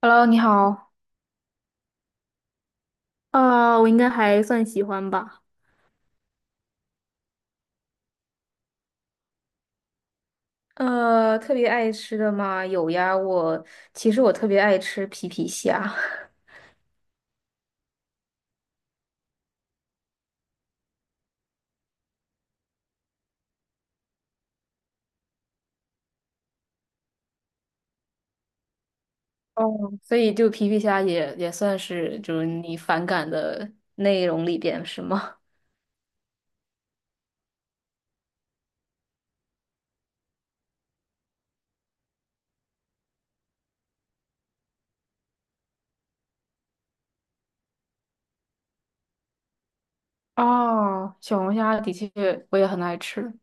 Hello，你好。啊，我应该还算喜欢吧。特别爱吃的嘛，有呀。其实我特别爱吃皮皮虾。哦，所以就皮皮虾也算是就是你反感的内容里边是吗？哦，小龙虾的确我也很爱吃。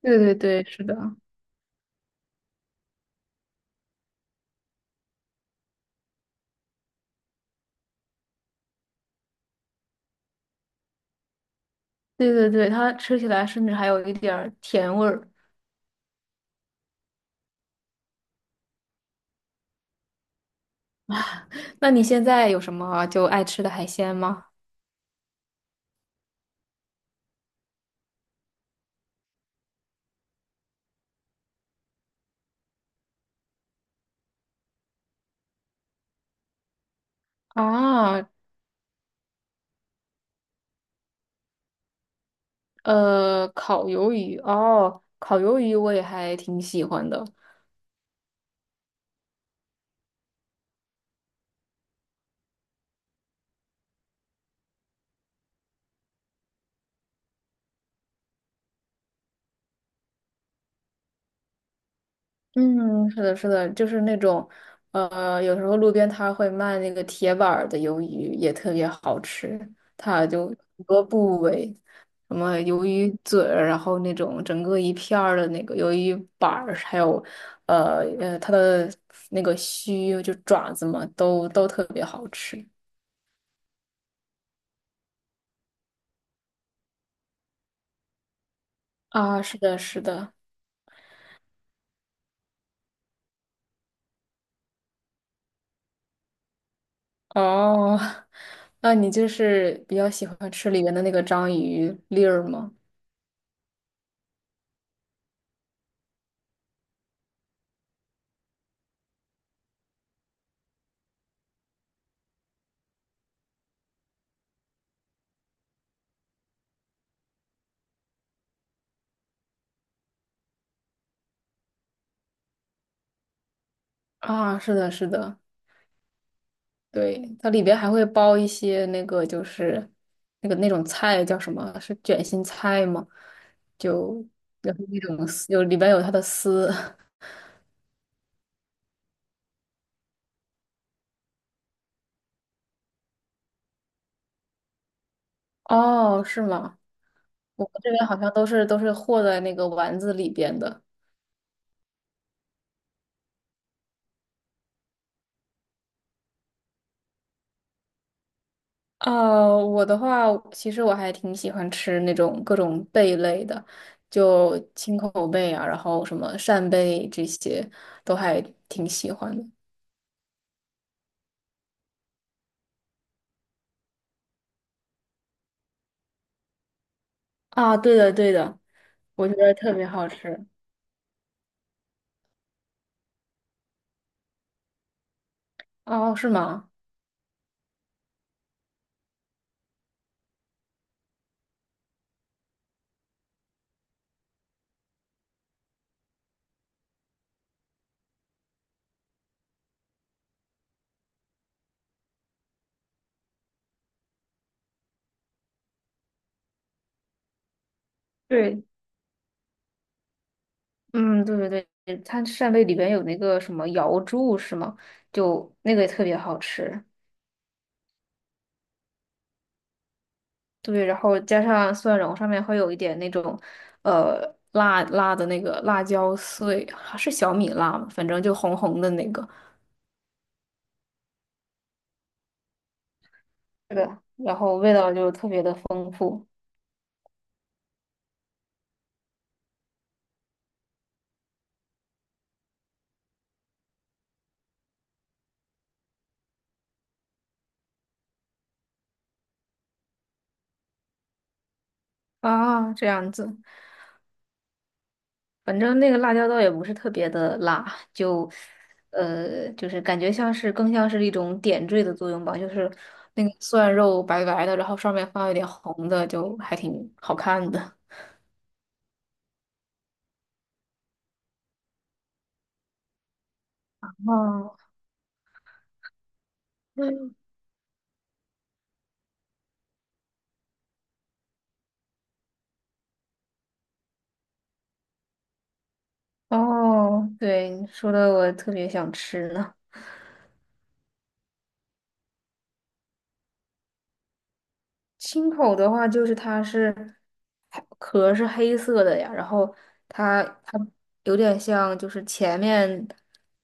对对对，是的，对对对，它吃起来甚至还有一点儿甜味儿。那你现在有什么就爱吃的海鲜吗？啊。烤鱿鱼哦，烤鱿鱼我也还挺喜欢的。嗯，是的，是的，就是那种，有时候路边摊会卖那个铁板儿的鱿鱼，也特别好吃。它就很多部位，什么鱿鱼嘴儿然后那种整个一片儿的那个鱿鱼板儿还有，它的那个须就爪子嘛，都特别好吃。啊，是的，是的。哦，那你就是比较喜欢吃里面的那个章鱼粒儿吗？啊，是的，是的，对，它里边还会包一些那个就是那种菜叫什么？是卷心菜吗？就然后那种丝有里边有它的丝。哦，是吗？我们这边好像都是和在那个丸子里边的。我的话，其实我还挺喜欢吃那种各种贝类的，就青口贝啊，然后什么扇贝这些，都还挺喜欢的。啊，对的，对的，我觉得特别好吃。哦，是吗？对。嗯，对对对，它扇贝里边有那个什么瑶柱是吗？就那个也特别好吃。对，然后加上蒜蓉，上面会有一点那种，呃，辣辣的那个辣椒碎，是小米辣吗？反正就红红的那个，是的，然后味道就特别的丰富。啊，这样子，反正那个辣椒倒也不是特别的辣，就，就是感觉更像是一种点缀的作用吧，就是那个蒜肉白白的，然后上面放一点红的，就还挺好看的。哦，哦，对，你说的我特别想吃呢。青口的话，就是它壳是黑色的呀，然后它有点像就是前面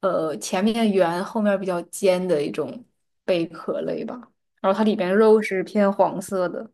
呃前面圆后面比较尖的一种贝壳类吧，然后它里边肉是偏黄色的。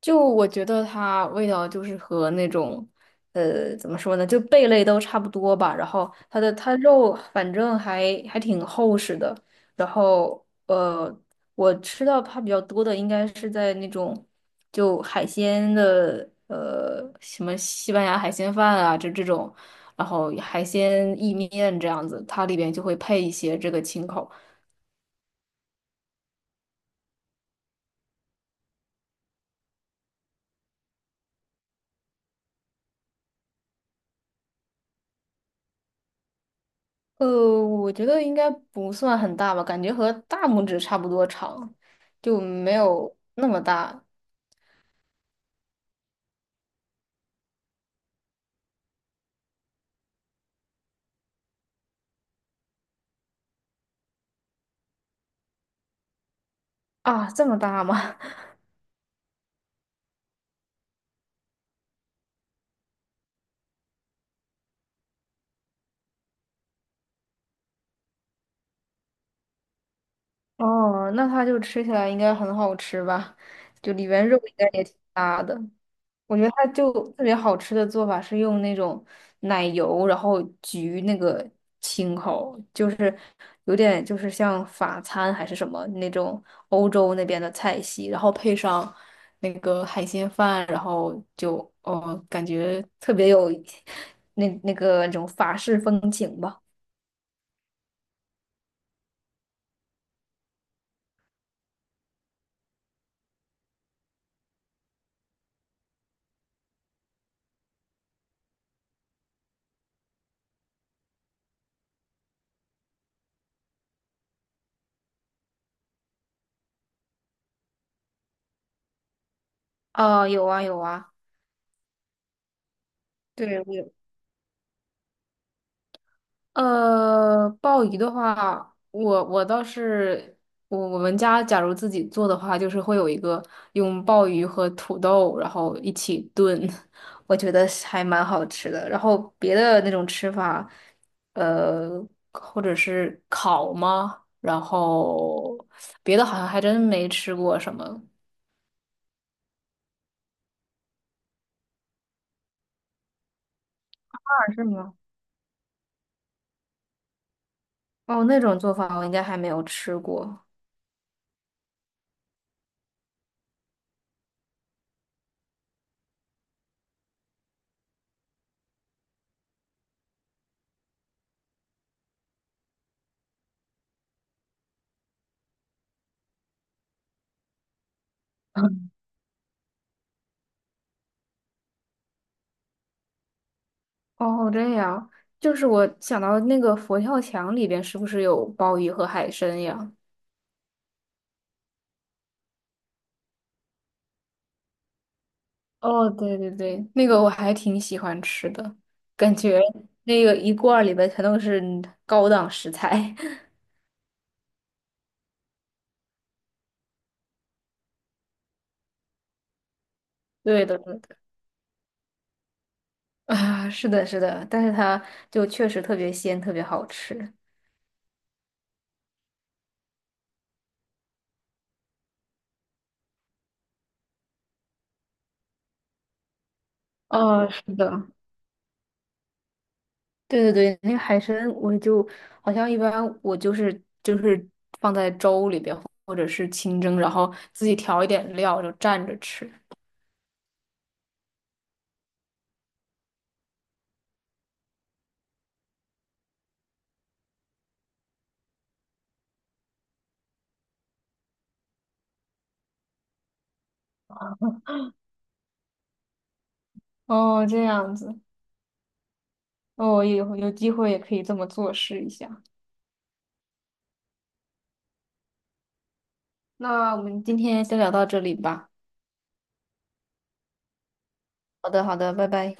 就我觉得它味道就是和那种，怎么说呢，就贝类都差不多吧。然后它肉反正还挺厚实的。然后我吃到它比较多的应该是在那种就海鲜的，什么西班牙海鲜饭啊，这种，然后海鲜意面这样子，它里边就会配一些这个青口。呃，我觉得应该不算很大吧，感觉和大拇指差不多长，就没有那么大。啊，这么大吗？哦，那它就吃起来应该很好吃吧？就里边肉应该也挺大的。我觉得它就特别好吃的做法是用那种奶油，然后焗那个青口，就是有点就是像法餐还是什么那种欧洲那边的菜系，然后配上那个海鲜饭，然后就哦感觉特别有那个那种法式风情吧。啊，有啊有啊，对，鲍鱼的话，我倒是我们家假如自己做的话，就是会有一个用鲍鱼和土豆然后一起炖。我觉得是还蛮好吃的。然后别的那种吃法，呃，或者是烤吗？然后别的好像还真没吃过什么。是吗？哦，那种做法我应该还没有吃过。哦，这样，就是我想到那个佛跳墙里边是不是有鲍鱼和海参呀？哦，对对对，那个我还挺喜欢吃的，感觉那个一罐儿里边全都是高档食材。对的，对的。啊，是的，是的，但是它就确实特别鲜，特别好吃。哦，是的，对对对，那个海参我就好像一般我就是就是放在粥里边或者是清蒸，然后自己调一点料就蘸着吃。哦，这样子，哦，有机会也可以这么做试一下。那我们今天先聊到这里吧。好的，好的，拜拜。